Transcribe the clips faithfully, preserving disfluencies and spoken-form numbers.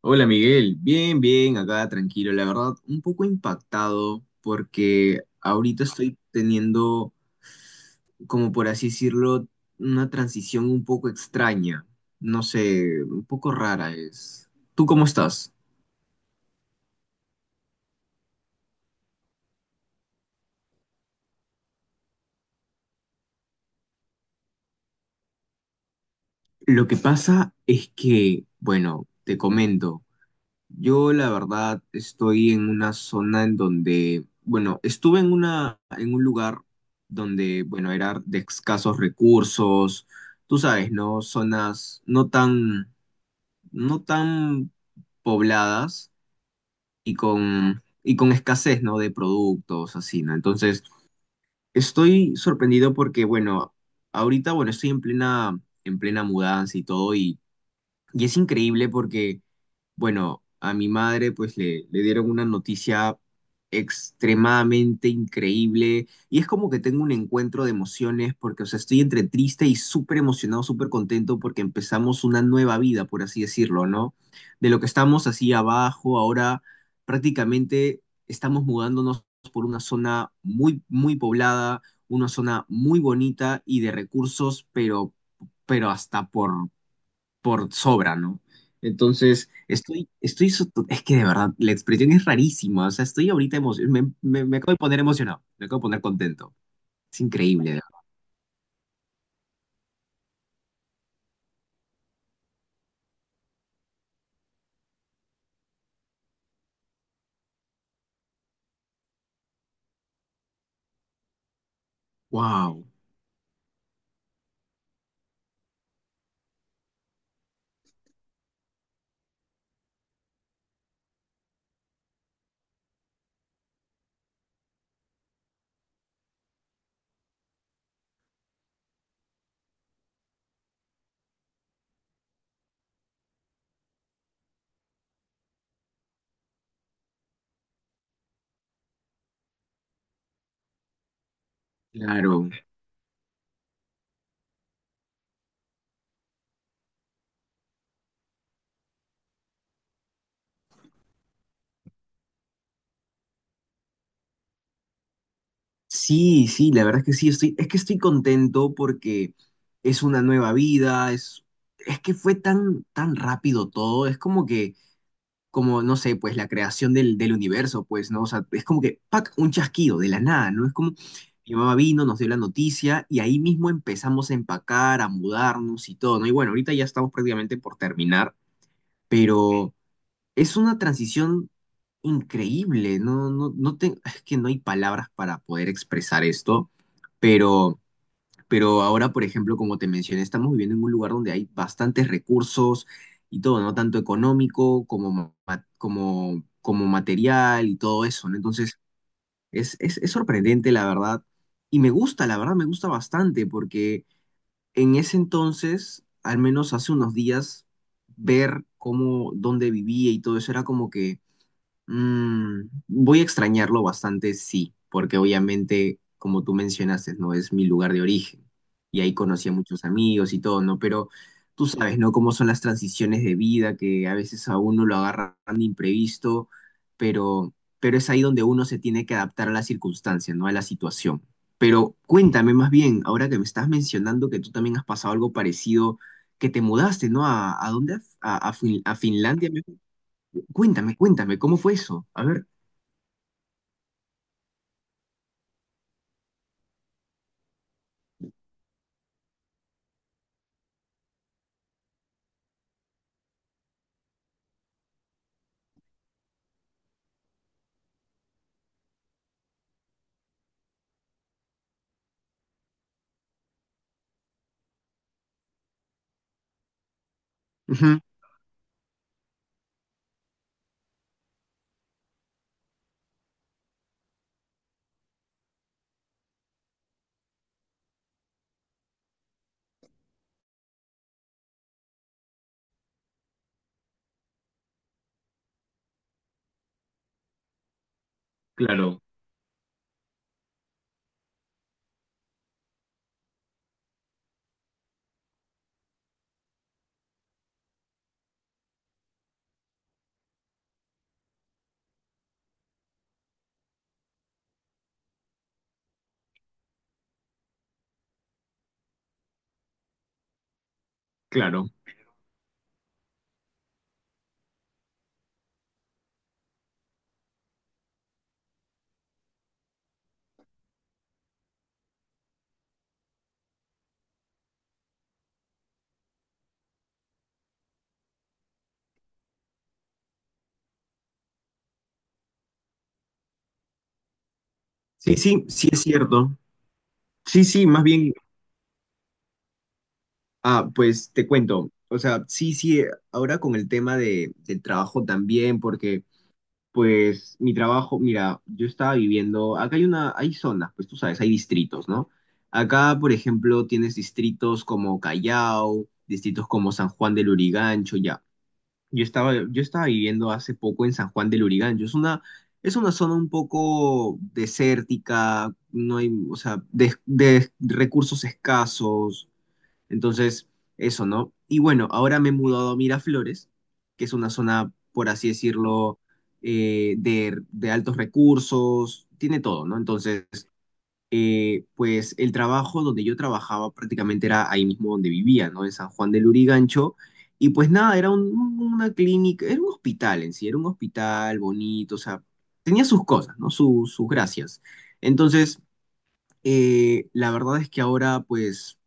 Hola Miguel, bien, bien, acá tranquilo, la verdad, un poco impactado porque ahorita estoy teniendo, como por así decirlo, una transición un poco extraña, no sé, un poco rara es. ¿Tú cómo estás? Lo que pasa es que, bueno, te comento. Yo la verdad estoy en una zona en donde, bueno, estuve en una, en un lugar donde, bueno, era de escasos recursos, tú sabes, ¿no? Zonas no tan, no tan pobladas y con, y con escasez, ¿no? De productos, así, ¿no? Entonces, estoy sorprendido porque, bueno, ahorita, bueno, estoy en plena, en plena mudanza y todo y y es increíble porque, bueno, a mi madre pues le, le dieron una noticia extremadamente increíble y es como que tengo un encuentro de emociones porque, o sea, estoy entre triste y súper emocionado, súper contento porque empezamos una nueva vida, por así decirlo, ¿no? De lo que estamos así abajo, ahora prácticamente estamos mudándonos por una zona muy, muy poblada, una zona muy bonita y de recursos, pero pero hasta por por sobra, ¿no? Entonces, estoy, estoy, so- es que de verdad, la expresión es rarísima, o sea, estoy ahorita emocionado, me, me, me acabo de poner emocionado, me acabo de poner contento, es increíble, wow, claro, sí, sí, la verdad es que sí, estoy, es que estoy contento porque es una nueva vida, es, es que fue tan, tan rápido todo, es como que como, no sé, pues la creación del, del universo, pues, ¿no? O sea, es como que, ¡pac!, un chasquido de la nada, ¿no? Es como, mi mamá vino, nos dio la noticia y ahí mismo empezamos a empacar, a mudarnos y todo, ¿no? Y bueno, ahorita ya estamos prácticamente por terminar, pero es una transición increíble, no, no, no te- es que no hay palabras para poder expresar esto, pero... Pero ahora, por ejemplo, como te mencioné, estamos viviendo en un lugar donde hay bastantes recursos y todo, ¿no? Tanto económico como, ma- como, como material y todo eso, ¿no? Entonces, es, es, es sorprendente, la verdad. Y me gusta, la verdad, me gusta bastante, porque en ese entonces, al menos hace unos días, ver cómo, dónde vivía y todo eso era como que mm, voy a extrañarlo bastante, sí, porque obviamente, como tú mencionaste, no es mi lugar de origen y ahí conocí a muchos amigos y todo, ¿no? Pero tú sabes, ¿no? Cómo son las transiciones de vida que a veces a uno lo agarran de imprevisto, pero, pero es ahí donde uno se tiene que adaptar a las circunstancias, ¿no? A la situación. Pero cuéntame más bien, ahora que me estás mencionando que tú también has pasado algo parecido, que te mudaste, ¿no? ¿A, a dónde? a a Fin- a Finlandia? Cuéntame, cuéntame, ¿cómo fue eso? A ver. Ujú, claro, claro. Sí, sí, sí es cierto. Sí, sí, más bien, ah, pues te cuento. O sea, sí, sí, eh, ahora con el tema de, del trabajo también, porque pues mi trabajo, mira, yo estaba viviendo, acá hay una, hay zonas, pues tú sabes, hay distritos, ¿no? Acá, por ejemplo, tienes distritos como Callao, distritos como San Juan del Lurigancho, ya. Yo estaba, yo estaba viviendo hace poco en San Juan del Urigancho. Es una, es una zona un poco desértica, no hay, o sea, de, de recursos escasos. Entonces, eso, ¿no? Y bueno, ahora me he mudado a Miraflores, que es una zona, por así decirlo, eh, de, de altos recursos, tiene todo, ¿no? Entonces, eh, pues el trabajo donde yo trabajaba prácticamente era ahí mismo donde vivía, ¿no? En San Juan del Lurigancho. Y pues nada, era un- una clínica, era un hospital en sí, era un hospital bonito, o sea, tenía sus cosas, ¿no? Su- sus gracias. Entonces, eh, la verdad es que ahora pues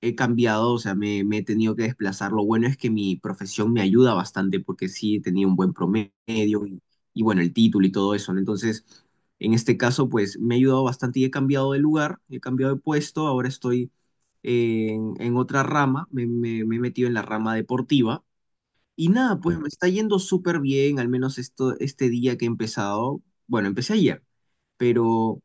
he cambiado, o sea, me, me he tenido que desplazar. Lo bueno es que mi profesión me ayuda bastante porque sí he tenido un buen promedio y, y, bueno, el título y todo eso, ¿no? Entonces, en este caso pues me ha ayudado bastante y he cambiado de lugar, he cambiado de puesto, ahora estoy en, en otra rama, me, me me he metido en la rama deportiva y nada, pues me está yendo súper bien, al menos esto, este día que he empezado. Bueno, empecé ayer, pero, o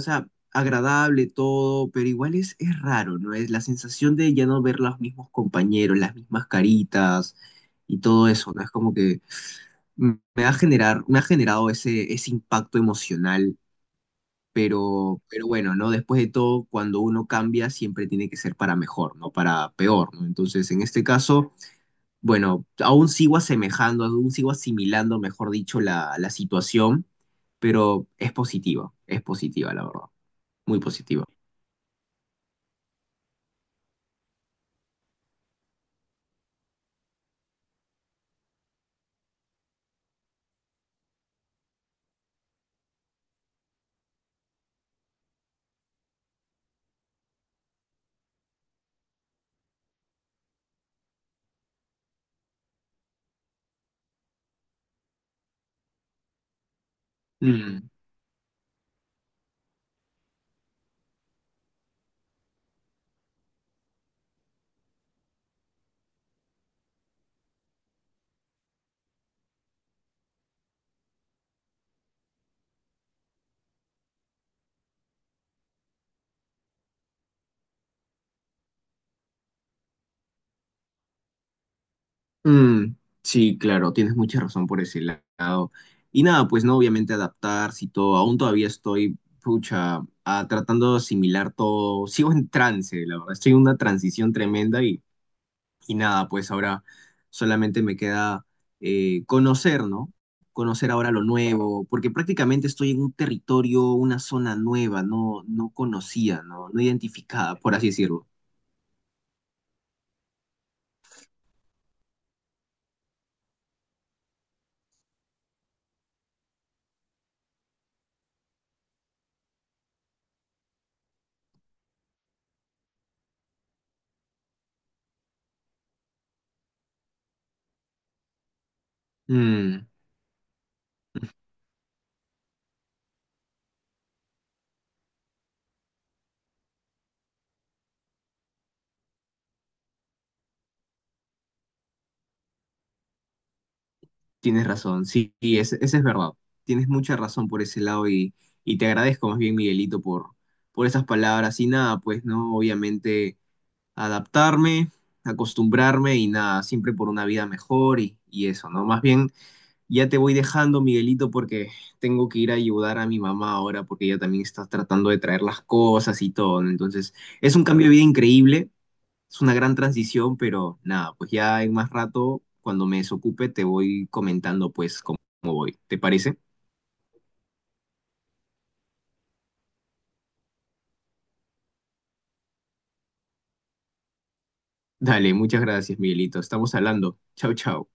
sea, agradable todo, pero igual es, es raro, ¿no? Es la sensación de ya no ver los mismos compañeros, las mismas caritas y todo eso, ¿no? Es como que me ha generar, me ha generado ese, ese impacto emocional, pero, pero bueno, ¿no? Después de todo, cuando uno cambia, siempre tiene que ser para mejor, no para peor, ¿no? Entonces, en este caso... Bueno, aún sigo asemejando, aún sigo asimilando, mejor dicho, la, la situación, pero es positiva, es positiva, la verdad, muy positiva. Mm, mm, sí, claro, tienes mucha razón por ese lado. Y nada, pues no, obviamente adaptarse y todo, aún todavía estoy, pucha, ah, tratando de asimilar todo, sigo en trance, la verdad, estoy en una transición tremenda y Y nada, pues ahora solamente me queda eh, conocer, ¿no? Conocer ahora lo nuevo, porque prácticamente estoy en un territorio, una zona nueva, no, no conocida, ¿no? No identificada, por así decirlo. Mm, tienes razón, sí, y es- esa es verdad. Tienes mucha razón por ese lado y, y te agradezco más bien, Miguelito, por, por esas palabras. Y nada, pues, ¿no? Obviamente adaptarme, acostumbrarme y nada, siempre por una vida mejor y, y eso, ¿no? Más bien... Ya te voy dejando, Miguelito, porque tengo que ir a ayudar a mi mamá ahora, porque ella también está tratando de traer las cosas y todo. ¿No? Entonces, es un cambio de vida increíble, es una gran transición, pero nada, pues ya en más rato, cuando me desocupe, te voy comentando pues cómo cómo voy. ¿Te parece? Dale, muchas gracias, Miguelito. Estamos hablando. Chau, chau.